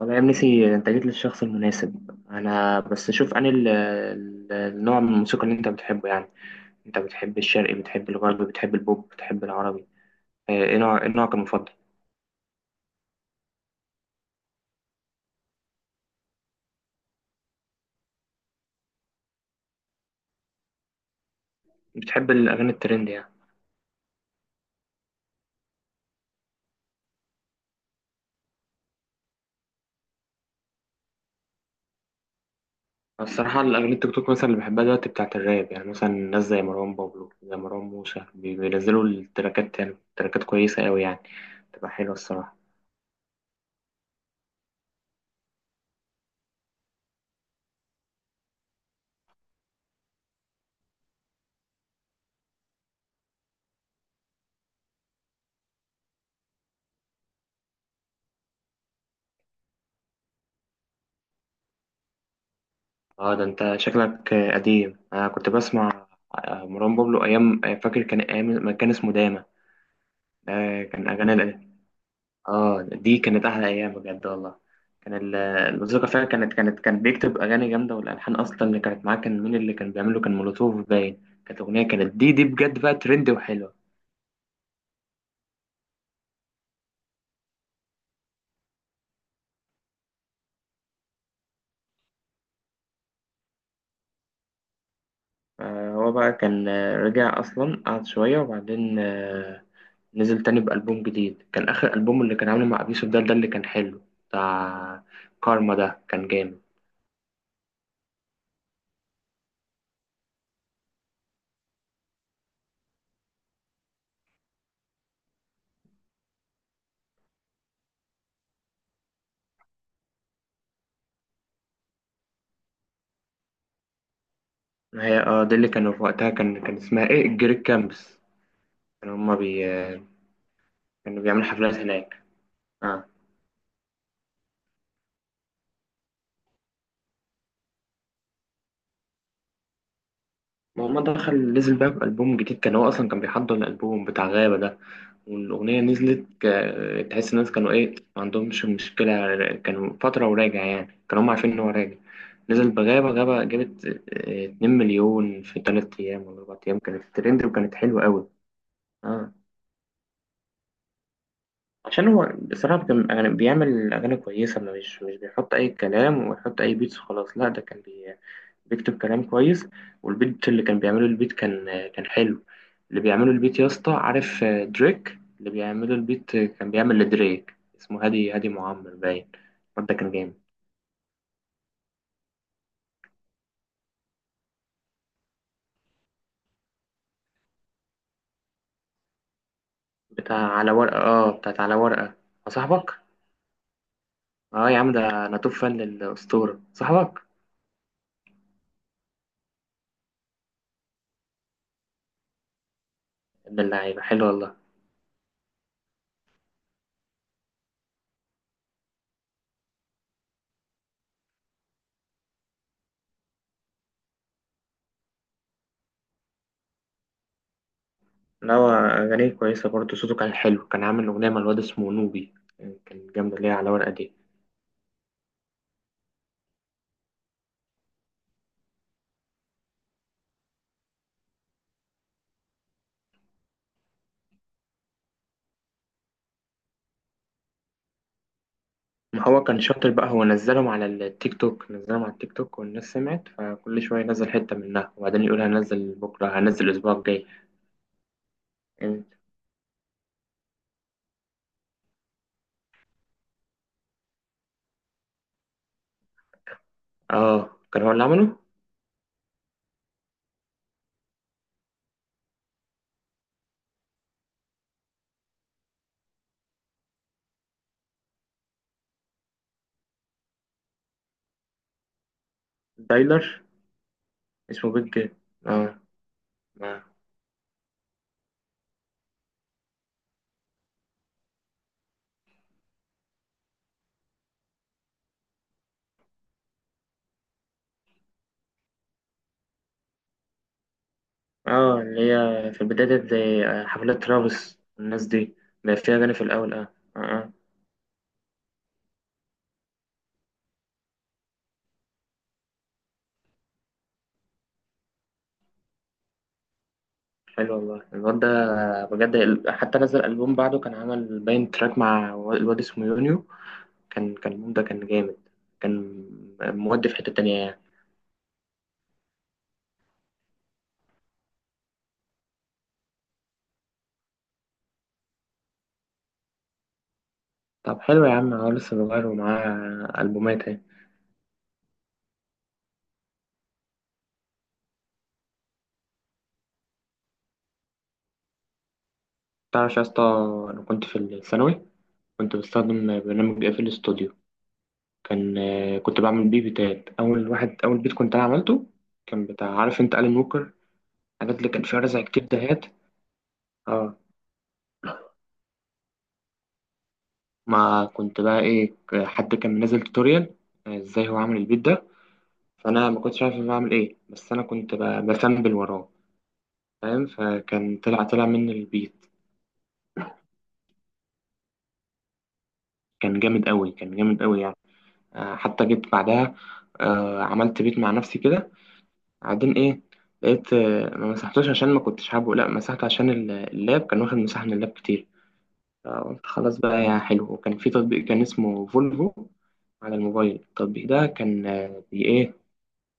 والله يا ابني انت جيت للشخص المناسب. انا بس شوف، انا النوع من الموسيقى اللي انت بتحبه يعني. انت بتحب الشرقي، بتحب الغربي، بتحب البوب، بتحب العربي؟ اه، ايه نوعك المفضل؟ بتحب الاغاني الترند يعني؟ الصراحه الاغاني التيك توك مثلا اللي بحبها دلوقتي بتاعت الراب، يعني مثلا ناس زي مروان بابلو، زي مروان موسى، بينزلوا التراكات، يعني تراكات كويسه قوي يعني، تبقى حلوه الصراحه. اه ده انت شكلك قديم. انا كنت بسمع اه، مروان بابلو ايام، فاكر كان ايام ما كان اسمه داما. كان أغاني آه، دي كانت أحلى أيام بجد والله. كان الموسيقى فيها كانت كان بيكتب أغاني جامدة، والألحان أصلا اللي كانت معاه كان مين اللي كان بيعمله؟ كان مولوتوف باين، كانت أغنية كانت دي بجد بقى ترند وحلوة. هو بقى كان رجع أصلا، قعد شوية وبعدين نزل تاني بألبوم جديد. كان آخر ألبوم اللي كان عامله مع أبيوسف، ده اللي كان حلو، بتاع كارما، ده كان جامد. هي اه دي اللي كانوا في وقتها، كان اسمها ايه، الجريك كامبس. كانوا هما بي آه، كانوا بيعملوا حفلات هناك. اه، ما هو ما دخل نزل بقى بألبوم جديد، كان هو أصلا كان بيحضر الألبوم بتاع غابة ده. والأغنية نزلت، تحس الناس كانوا إيه، ما عندهمش مشكلة، كانوا فترة وراجع يعني، كانوا هم عارفين إن هو راجع. نزل بغابة، غابة جابت اتنين مليون في تلات أيام ولا أربع أيام، كانت ترند وكانت حلوة أوي. اه، عشان هو بصراحة كان أغاني بيعمل أغاني كويسة، ما مش بيحط أي كلام ويحط أي بيتس وخلاص، لا ده كان بيكتب كلام كويس. والبيت اللي كان بيعمله، البيت كان حلو. اللي بيعمله البيت، يا اسطى، عارف دريك؟ اللي بيعمله البيت، كان بيعمل لدريك، اسمه هادي معمر باين. الواد ده كان جامد. بتاع على ورقة، اه بتاعت على ورقة. صاحبك؟ اه يا عم، ده انا توب فان للأسطورة صاحبك. ابن اللعيبة حلو والله. نوى أغانيه كويسة برضه، صوته كان حلو، كان عامل أغنية مع الواد اسمه نوبي، يعني كان جامدة ليها على ورقة دي. ما هو كان شاطر بقى، هو نزلهم على التيك توك، نزلهم على التيك توك، والناس سمعت، فكل شوية ينزل حتة منها وبعدين يقول هنزل بكرة، هنزل الأسبوع الجاي. اه، كان هو اللي عمله. دايلر. اسمه بيج. اه. اه. اللي هي في البداية ديت زي حفلات ترافيس والناس دي، اللي فيها أغاني في الأول. اه. اه. حلو والله الواد ده بجد. حتى نزل ألبوم بعده، كان عمل باين تراك مع الواد اسمه يونيو. كان الألبوم ده كان جامد، كان مودي في حتة تانية يعني. طب حلو يا عم، هو لسه صغير ومعاه ألبومات اهي. تعرف يا اسطى، أنا كنت في الثانوي، كنت بستخدم برنامج اف الاستوديو. كان كنت بعمل بيه بيتات. أول واحد، أول بيت كنت أنا عملته، كان بتاع، عارف أنت ألان ووكر؟ الحاجات اللي كان فيها رزع كتير دهات. ما كنت بقى ايه، حد كان منزل توتوريال ازاي هو عامل البيت ده. فانا ما كنتش عارف أنا بعمل ايه، بس انا كنت بفنبل وراه فاهم. فكان طلع مني البيت، كان جامد قوي، كان جامد قوي يعني. حتى جيت بعدها عملت بيت مع نفسي كده. بعدين ايه، لقيت ما مسحتوش عشان ما كنتش حابه، لا مسحته عشان اللاب كان واخد مساحة من اللاب كتير. فقلت خلاص بقى يا حلو. وكان في تطبيق كان اسمه فولفو على الموبايل. التطبيق ده كان آه، بي- ايه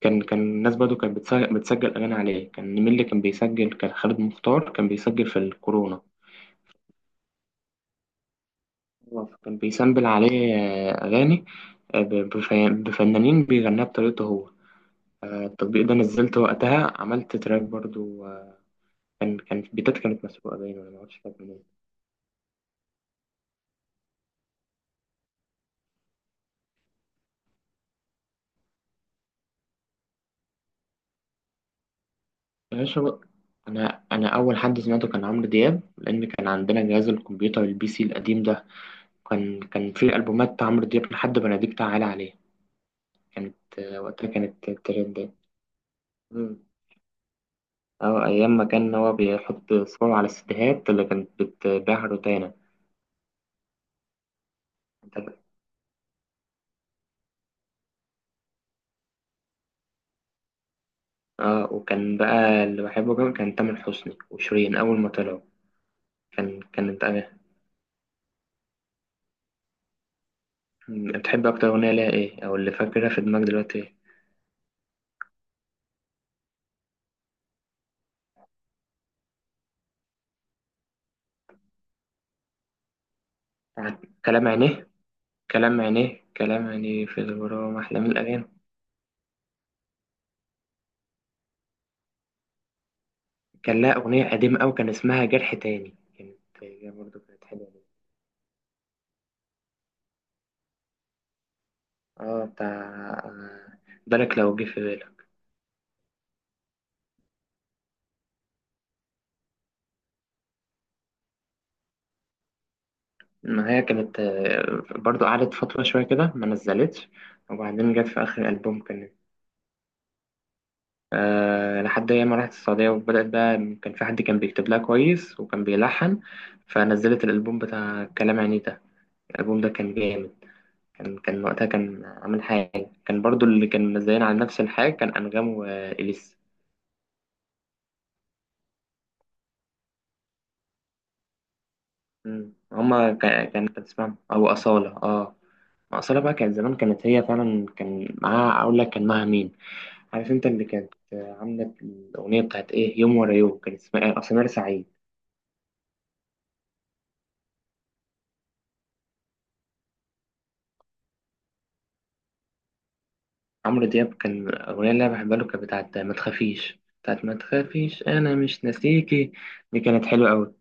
كان كان الناس برضه كانت بتسجل أغاني عليه. كان مين اللي كان بيسجل؟ كان خالد مختار كان بيسجل في الكورونا. هو كان بيسامبل عليه أغاني آه، ب- بف- بفنانين، بيغنيها بطريقته هو. التطبيق ده نزلته وقتها، عملت تراك برضه كان كان بيتات كانت مسروقة باين، ولا معرفش كانت منين. يا باشا، أنا أول حد سمعته كان عمرو دياب، لأن كان عندنا جهاز الكمبيوتر، البي سي القديم ده. كان كان فيه ألبومات عمرو دياب، لحد بناديك تعالى عليه، كانت وقتها كانت ترند. مم. أو أيام ما كان هو بيحط صور على الستيهات اللي كانت بتبيعها روتانا. اه، وكان بقى اللي بحبه كمان كان تامر حسني وشيرين أول ما طلعوا. كان كانت أنا بتحب أكتر أغنية ليها إيه، أو اللي فاكرها في دماغك دلوقتي إيه؟ بتاعت كلام عينيه؟ كلام عينيه، كلام عينيه في الغرام أحلى من الأغاني. كان لها أغنية قديمة أوي كان اسمها جرح تاني، كانت هي برضه كانت حلوة. اه بتاع آه، بالك لو جه في بالي. ما هي كانت برضو قعدت فترة شوية كده ما نزلتش، وبعدين جت في آخر ألبوم كانت. أه، لحد أيام ما رحت السعودية وبدأت بقى، كان في حد كان بيكتب لها كويس وكان بيلحن، فنزلت الألبوم بتاع كلام يعني ده. الألبوم ده كان جامد. كان وقتها كان عامل حاجة، كان برضو اللي كان منزلين على نفس الحاجة كان أنغام وإليسا. مم. هما كان اسمهم أو أصالة اه. أصالة بقى كانت زمان، كانت هي فعلا كان معاها، أقول لك كان معاها مين، عارف انت اللي كانت عامله الاغنيه بتاعت ايه، يوم ورا يوم، كان اسمها اصل، نار سعيد. عمرو دياب، كان الاغنيه اللي انا بحبها له كانت بتاعت ما تخافيش انا مش ناسيكي. دي كانت حلوه قوي.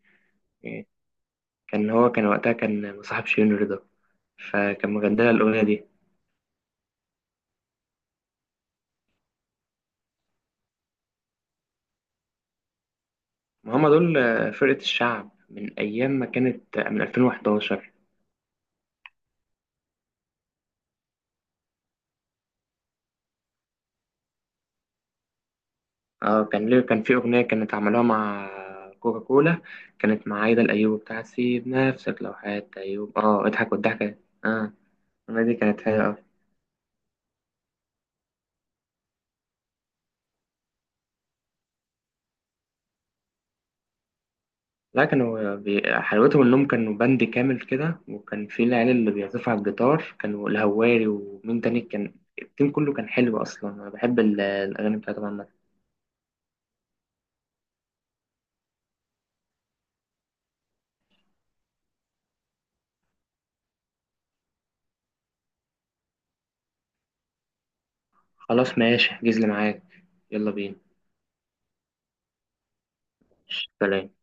كان هو كان وقتها كان مصاحب شيرين رضا، فكان مغنيها الاغنيه دي. ما هم دول فرقه الشعب من ايام ما كانت من 2011. اه، كان ليه كان في اغنيه كانت عملوها مع كوكا كولا، كانت مع عايده الايوبي، بتاعت سيب نفسك لو حياة ايوب، اه اضحك والضحكه. اه، السنة دي كانت هي أوي. لا، كانوا حلاوتهم إنهم كانوا باند كامل كده، وكان في العيال اللي بيعزفوا على الجيتار، كانوا الهواري ومين تاني كان. التيم كله كان حلو أصلا. أنا بحب الأغاني بتاعتهم عامة. خلاص ماشي، احجز لي معاك. يلا بينا. سلام.